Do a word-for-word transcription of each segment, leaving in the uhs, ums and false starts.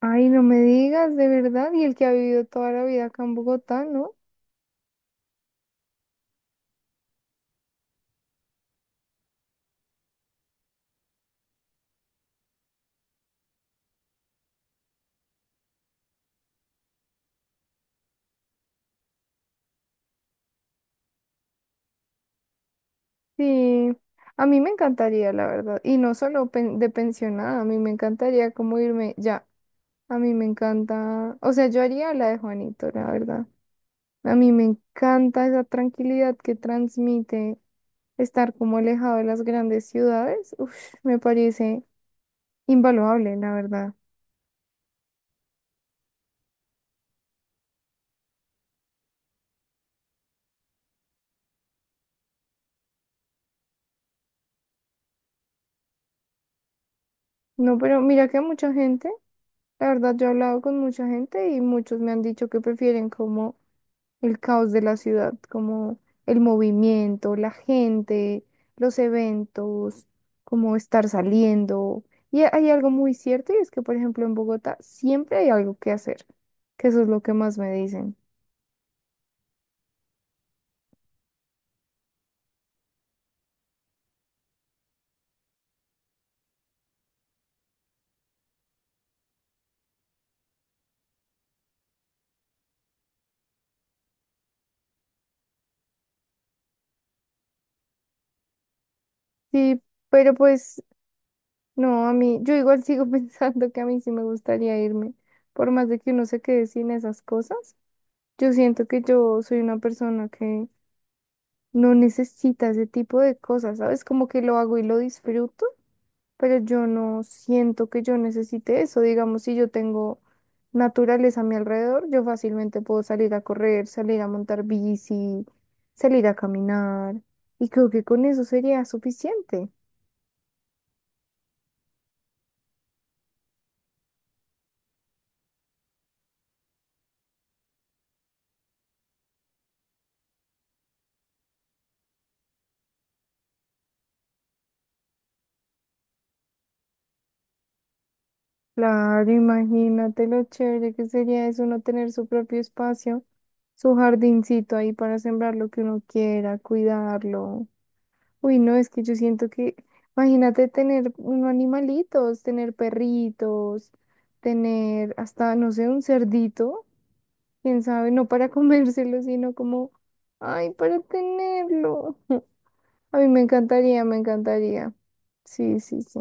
Ay, no me digas, de verdad, y el que ha vivido toda la vida acá en Bogotá, ¿no? Sí, a mí me encantaría, la verdad, y no solo pen- de pensionada, a mí me encantaría como irme ya, a mí me encanta, o sea, yo haría la de Juanito, la verdad, a mí me encanta esa tranquilidad que transmite estar como alejado de las grandes ciudades, uf, me parece invaluable, la verdad. No, pero mira que a mucha gente, la verdad, yo he hablado con mucha gente y muchos me han dicho que prefieren como el caos de la ciudad, como el movimiento, la gente, los eventos, como estar saliendo. Y hay algo muy cierto y es que, por ejemplo, en Bogotá siempre hay algo que hacer, que eso es lo que más me dicen. Sí, pero pues no, a mí, yo igual sigo pensando que a mí sí me gustaría irme, por más de que uno se quede sin esas cosas. Yo siento que yo soy una persona que no necesita ese tipo de cosas, ¿sabes? Como que lo hago y lo disfruto, pero yo no siento que yo necesite eso. Digamos, si yo tengo naturaleza a mi alrededor, yo fácilmente puedo salir a correr, salir a montar bici, salir a caminar, y creo que con eso sería suficiente. Claro, imagínate lo chévere que sería eso, uno tener su propio espacio, su jardincito ahí para sembrar lo que uno quiera, cuidarlo. Uy, no, es que yo siento que, imagínate tener unos animalitos, tener perritos, tener hasta, no sé, un cerdito, quién sabe, no para comérselo, sino como, ay, para tenerlo. A mí me encantaría, me encantaría. Sí, sí, sí.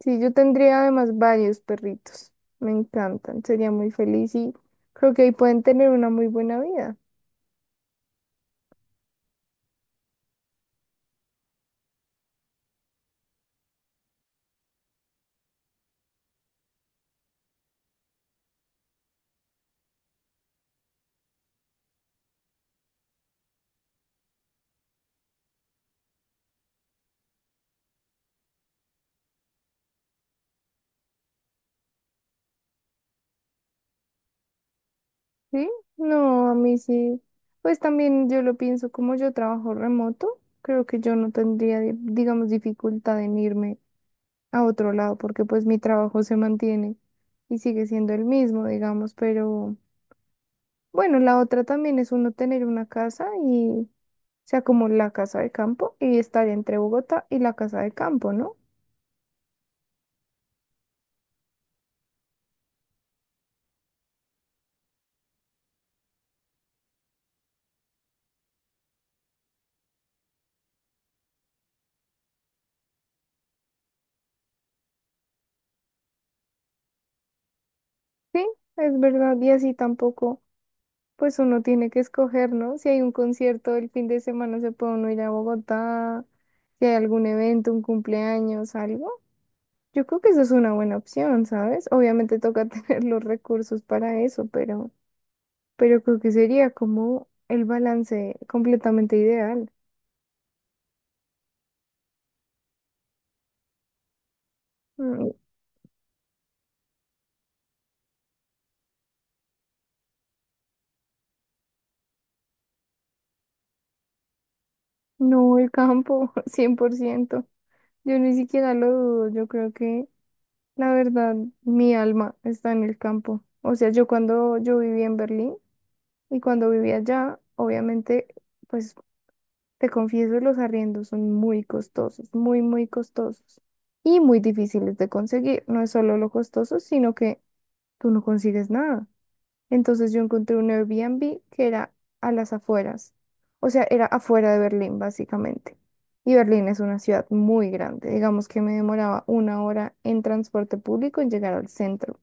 Sí, yo tendría además varios perritos. Me encantan, sería muy feliz y creo que ahí pueden tener una muy buena vida. Sí, no, a mí sí. Pues también yo lo pienso como yo trabajo remoto, creo que yo no tendría, di- digamos, dificultad en irme a otro lado porque pues mi trabajo se mantiene y sigue siendo el mismo, digamos, pero bueno, la otra también es uno tener una casa y, o sea, como la casa de campo y estar entre Bogotá y la casa de campo, ¿no? Sí, es verdad, y así tampoco. Pues uno tiene que escoger, ¿no? Si hay un concierto el fin de semana, se puede uno ir a Bogotá, si hay algún evento, un cumpleaños, algo. Yo creo que eso es una buena opción, ¿sabes? Obviamente toca tener los recursos para eso, pero, pero creo que sería como el balance completamente ideal. Mm. No, el campo, cien por ciento. Yo ni siquiera lo dudo, yo creo que, la verdad, mi alma está en el campo. O sea, yo cuando yo viví en Berlín, y cuando vivía allá, obviamente, pues te confieso, los arriendos son muy costosos, muy, muy costosos y muy difíciles de conseguir. No es solo lo costoso, sino que tú no consigues nada. Entonces yo encontré un Airbnb que era a las afueras, o sea, era afuera de Berlín, básicamente. Y Berlín es una ciudad muy grande. Digamos que me demoraba una hora en transporte público en llegar al centro.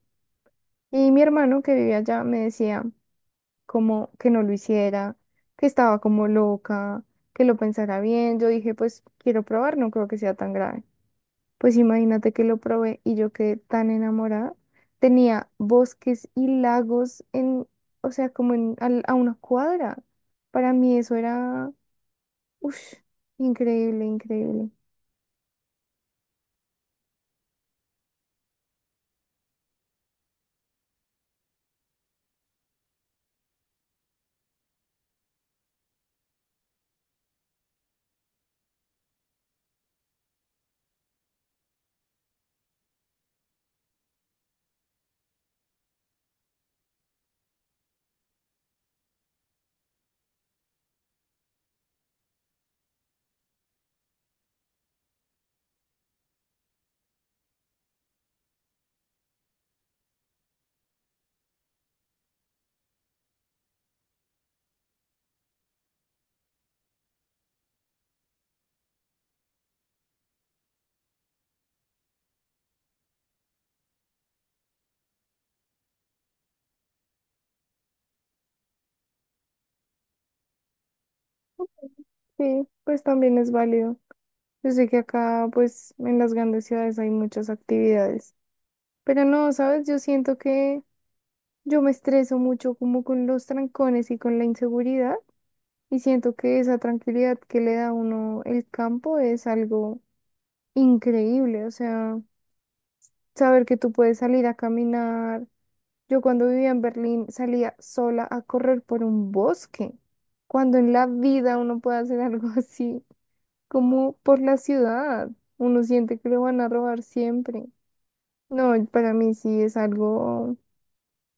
Y mi hermano que vivía allá me decía como que no lo hiciera, que estaba como loca, que lo pensara bien. Yo dije, pues quiero probar, no creo que sea tan grave. Pues imagínate que lo probé y yo quedé tan enamorada. Tenía bosques y lagos en, o sea, como en, al- a una cuadra. Para mí eso era, uff, increíble, increíble. Sí, pues también es válido. Yo sé que acá, pues, en las grandes ciudades hay muchas actividades. Pero no, ¿sabes? Yo siento que yo me estreso mucho como con los trancones y con la inseguridad y siento que esa tranquilidad que le da a uno el campo es algo increíble, o sea, saber que tú puedes salir a caminar. Yo cuando vivía en Berlín salía sola a correr por un bosque, cuando en la vida uno puede hacer algo así, como por la ciudad, uno siente que lo van a robar siempre. No, para mí sí es algo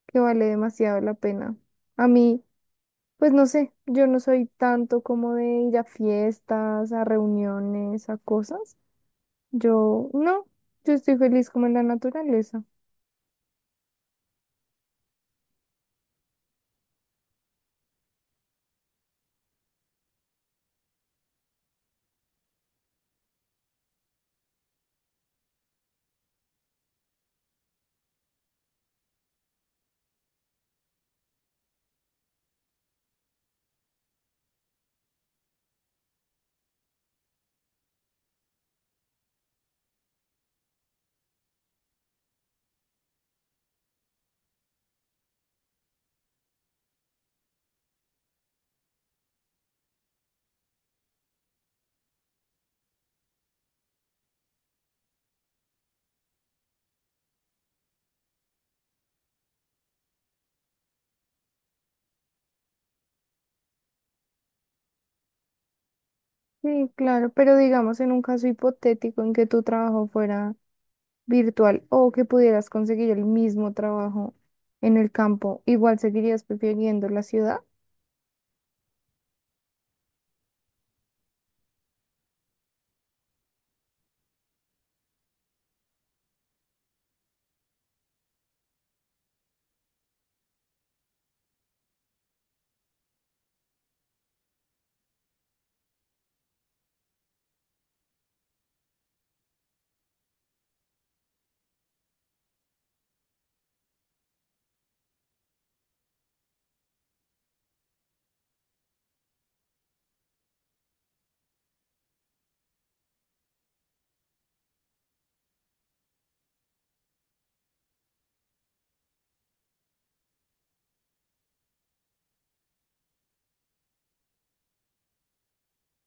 que vale demasiado la pena. A mí... Pues no sé, yo no soy tanto como de ir a fiestas, a reuniones, a cosas. Yo no, yo estoy feliz como en la naturaleza. Sí, claro, pero digamos en un caso hipotético en que tu trabajo fuera virtual o que pudieras conseguir el mismo trabajo en el campo, ¿igual seguirías prefiriendo la ciudad?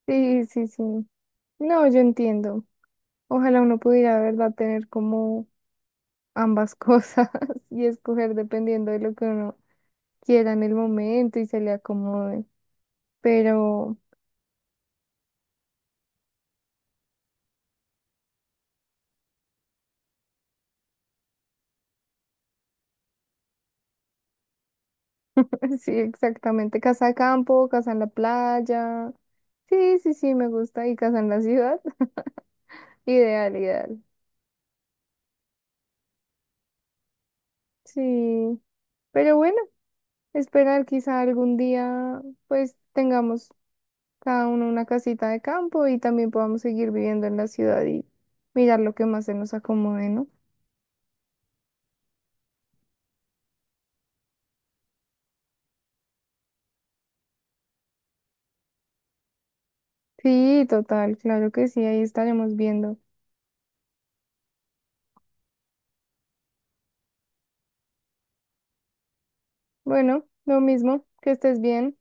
Sí, sí, sí. No, yo entiendo. Ojalá uno pudiera, de verdad, tener como ambas cosas y escoger dependiendo de lo que uno quieran el momento y se le acomoden. Pero sí, exactamente, casa de campo, casa en la playa. Sí, sí, sí, me gusta. Y casa en la ciudad, ideal, ideal. Sí, pero bueno, esperar quizá algún día pues tengamos cada uno una casita de campo y también podamos seguir viviendo en la ciudad y mirar lo que más se nos acomode, ¿no? Sí, total, claro que sí, ahí estaremos viendo. Bueno, lo mismo, que estés bien.